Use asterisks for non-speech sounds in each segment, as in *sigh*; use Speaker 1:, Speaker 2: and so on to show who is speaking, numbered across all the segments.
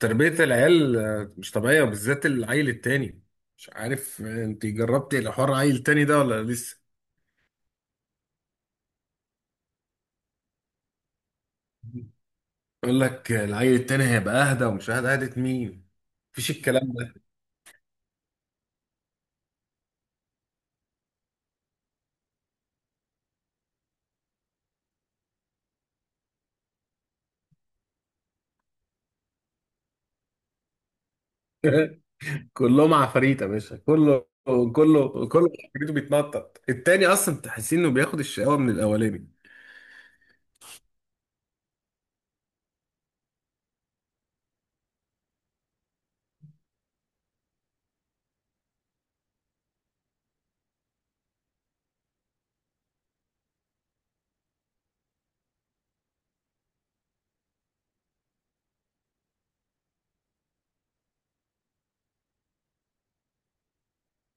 Speaker 1: تربية العيال مش طبيعية، وبالذات العيل التاني. مش عارف، انت جربتي الحوار عيل تاني ده ولا لسه؟ يقول لك العيل التاني هيبقى اهدى، ومش اهدى اهدى مين؟ مفيش الكلام ده. *laughs* كلهم عفاريت يا باشا، كله كله كله عفاريته، بيتنطط التاني، اصلا تحسين انه بياخد الشقاوة من الاولاني.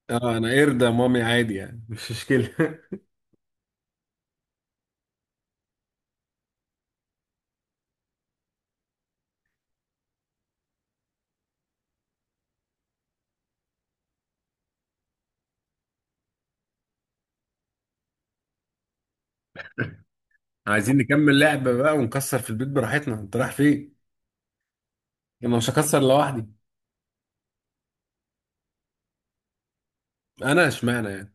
Speaker 1: اه انا قرد يا مامي، عادي يعني، مش مشكلة. *laughs* عايزين نكمل لعبة بقى ونكسر في البيت براحتنا، انت رايح فين؟ انا مش هكسر لوحدي. انا اشمعنى يعني؟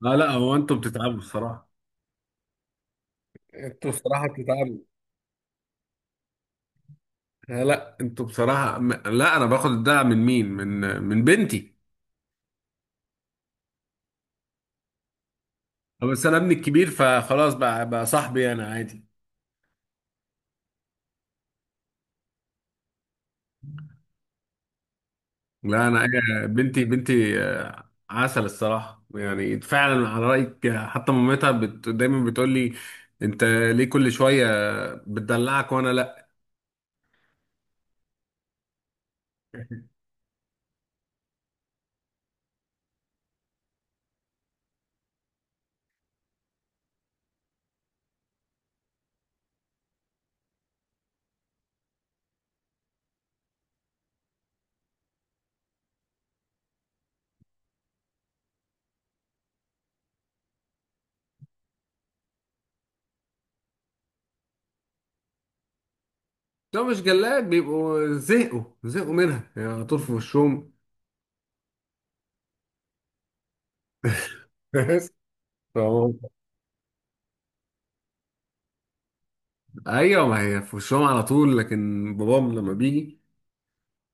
Speaker 1: لا لا، هو انتوا بتتعبوا الصراحه. انتوا بصراحة بتتعبوا. لا انتوا بصراحة لا، انا باخد الدعم من مين؟ من بنتي. بس انا ابني الكبير، فخلاص بقى صاحبي انا، عادي. لا انا بنتي بنتي، عسل الصراحه، يعني فعلا على رايك. حتى مامتها دايما بتقول لي: انت ليه كل شويه بتدلعك وانا لا؟ لو مش جلاك بيبقوا زهقوا زهقوا منها، يعني على طول في وشهم. *laughs* ايوه ما هي في وشهم على طول، لكن بابام لما بيجي،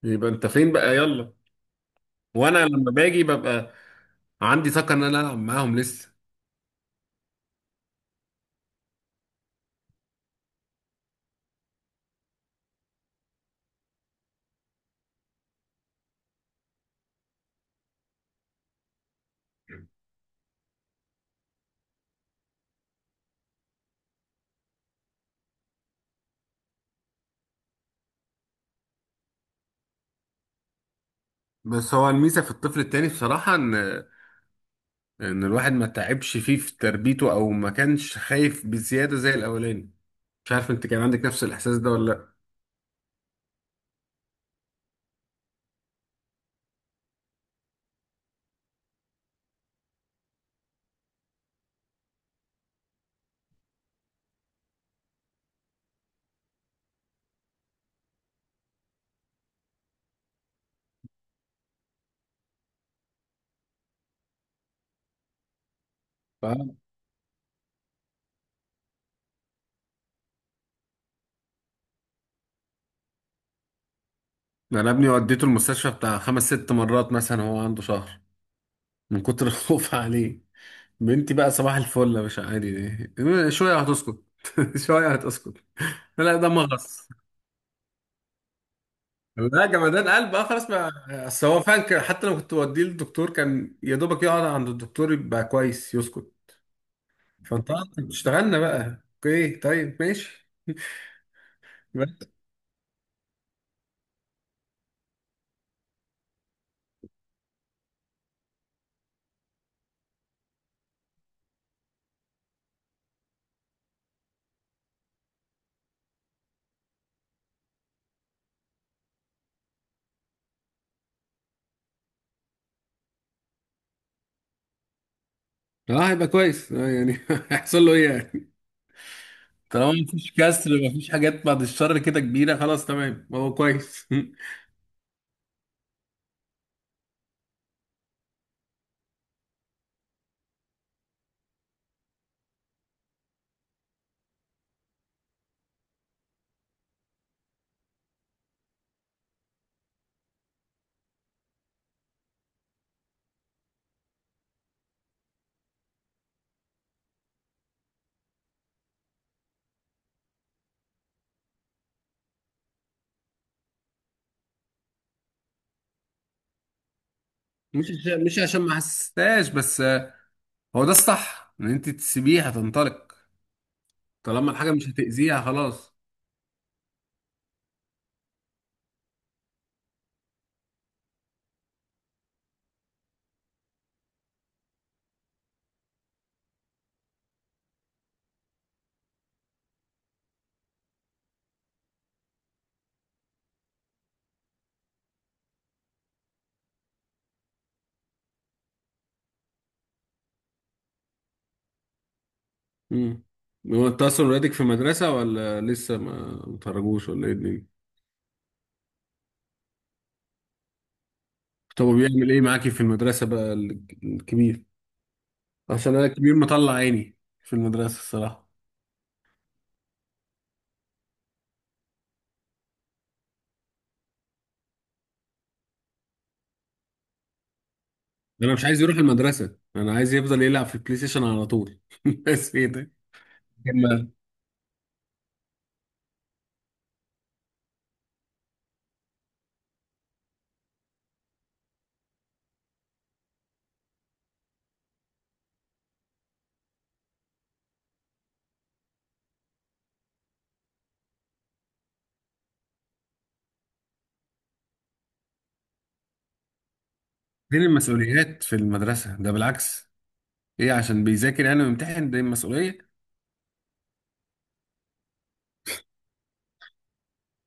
Speaker 1: يبقى انت فين بقى، يلا. وانا لما باجي ببقى عندي طاقه ان انا العب معاهم لسه. بس هو الميزه في الطفل التاني بصراحه ان الواحد ما تعبش فيه في تربيته، او ما كانش خايف بزياده زي الاولاني. مش عارف انت كان عندك نفس الاحساس ده ولا لا. فاهم. انا ابني وديته المستشفى بتاع خمس ست مرات مثلا، هو عنده شهر، من كتر *laughs* الخوف عليه. بنتي بقى صباح الفل، مش عادي، دي شويه هتسكت، *laughs* شويه هتسكت. لا، ده مغص. لا جمدان قلب، اه، خلاص بقى. اصل هو فعلا حتى لما كنت بوديه للدكتور، كان يا دوبك يقعد عند الدكتور يبقى كويس يسكت. فانت كنت اشتغلنا بقى، اوكي طيب ماشي. بس. اه هيبقى كويس، اه يعني *laughs* هيحصل له ايه يعني؟ طالما مفيش كسر، مفيش حاجات بعد الشر كده كبيره، خلاص تمام، هو كويس. *laughs* مش عشان ما حسستهاش، بس هو ده الصح، ان انت تسيبيه هتنطلق، طالما الحاجه مش هتاذيها، خلاص. امم. هو انت اصلا ولادك في مدرسة، ولا لسه ما متخرجوش، ولا ايه الدنيا؟ طب هو بيعمل ايه معاكي في المدرسة بقى، الكبير؟ عشان انا الكبير مطلع عيني في المدرسة الصراحة. انا مش عايز يروح المدرسة، انا عايز يفضل يلعب في البلاي ستيشن على طول، *laughs* بس ايه ده؟ لما- فين المسؤوليات في المدرسة؟ ده بالعكس. ايه، عشان بيذاكر يعني ويمتحن، ده المسؤولية؟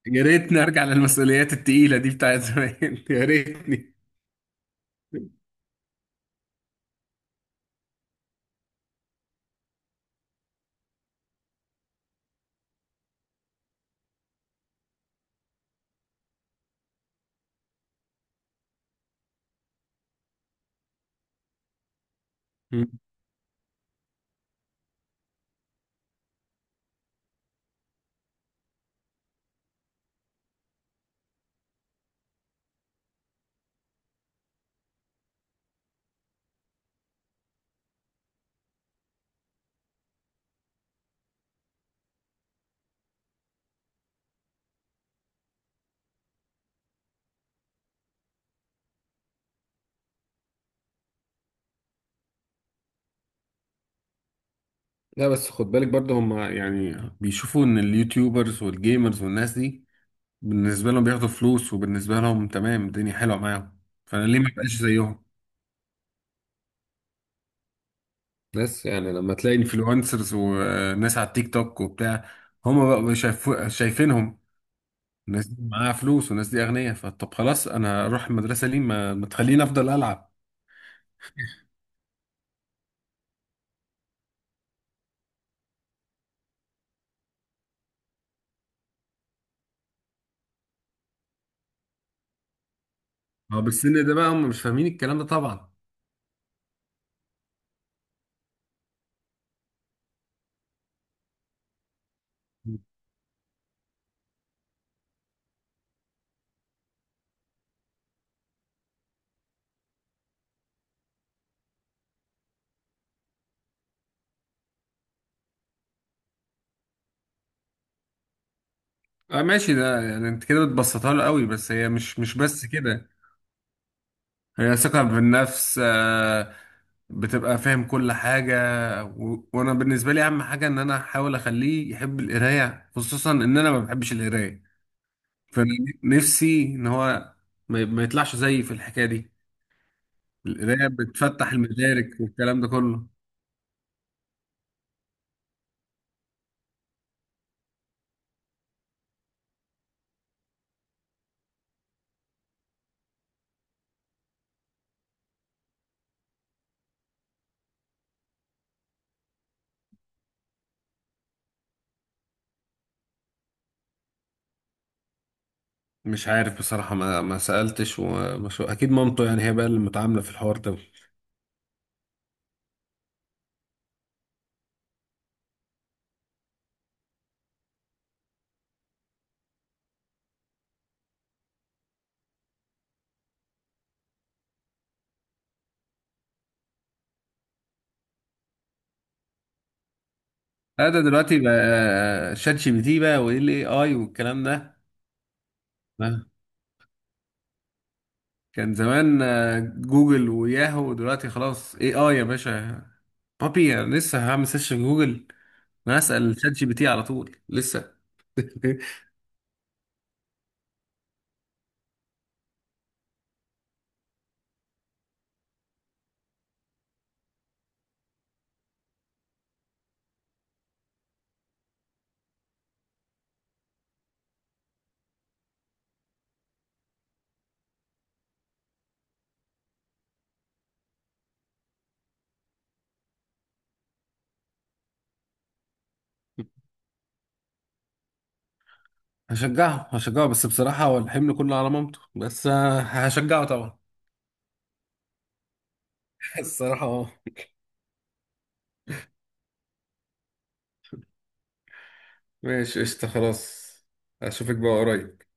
Speaker 1: يا ريتني ارجع للمسؤوليات التقيلة دي بتاعت زمان، *laughs* يا ريتني. لا بس خد بالك برضه، هم يعني بيشوفوا ان اليوتيوبرز والجيمرز والناس دي، بالنسبة لهم بياخدوا فلوس، وبالنسبة لهم تمام، الدنيا حلوة معاهم. فانا ليه ما بقاش زيهم؟ بس يعني لما تلاقي انفلونسرز وناس على التيك توك وبتاع، هم بقى شايفينهم، الناس دي معاها فلوس والناس دي اغنياء، فطب خلاص انا هروح المدرسة ليه، ما تخليني افضل العب. اه بالسن ده بقى هم مش فاهمين الكلام ده طبعا. اه ماشي، ده يعني انت كده بتبسطها له قوي، بس هي مش بس كده. هي ثقة بالنفس، بتبقى فاهم كل حاجة. وأنا بالنسبة لي أهم حاجة إن أنا أحاول أخليه يحب القراية، خصوصا إن أنا ما بحبش القراية. فأنا نفسي إن هو ما يطلعش زيي في الحكاية دي. القراية بتفتح المدارك والكلام ده كله. مش عارف بصراحة، ما سألتش، أكيد مامته، يعني هي بقى اللي متعاملة في الحوار ده. لا ده دلوقتي بقى شات GPT بقى، وايه الاي اي والكلام ده. كان زمان جوجل وياهو، دلوقتي خلاص AI يا باشا. بابي أنا لسه هعمل سيرش في جوجل؟ انا هسأل شات GPT على طول لسه. *laughs* هشجعه هشجعه، بس بصراحة هو الحمل كله على مامته، بس هشجعه طبعا. *laughs* الصراحة اه. ماشي قشطة خلاص. اشوفك بقى قريب.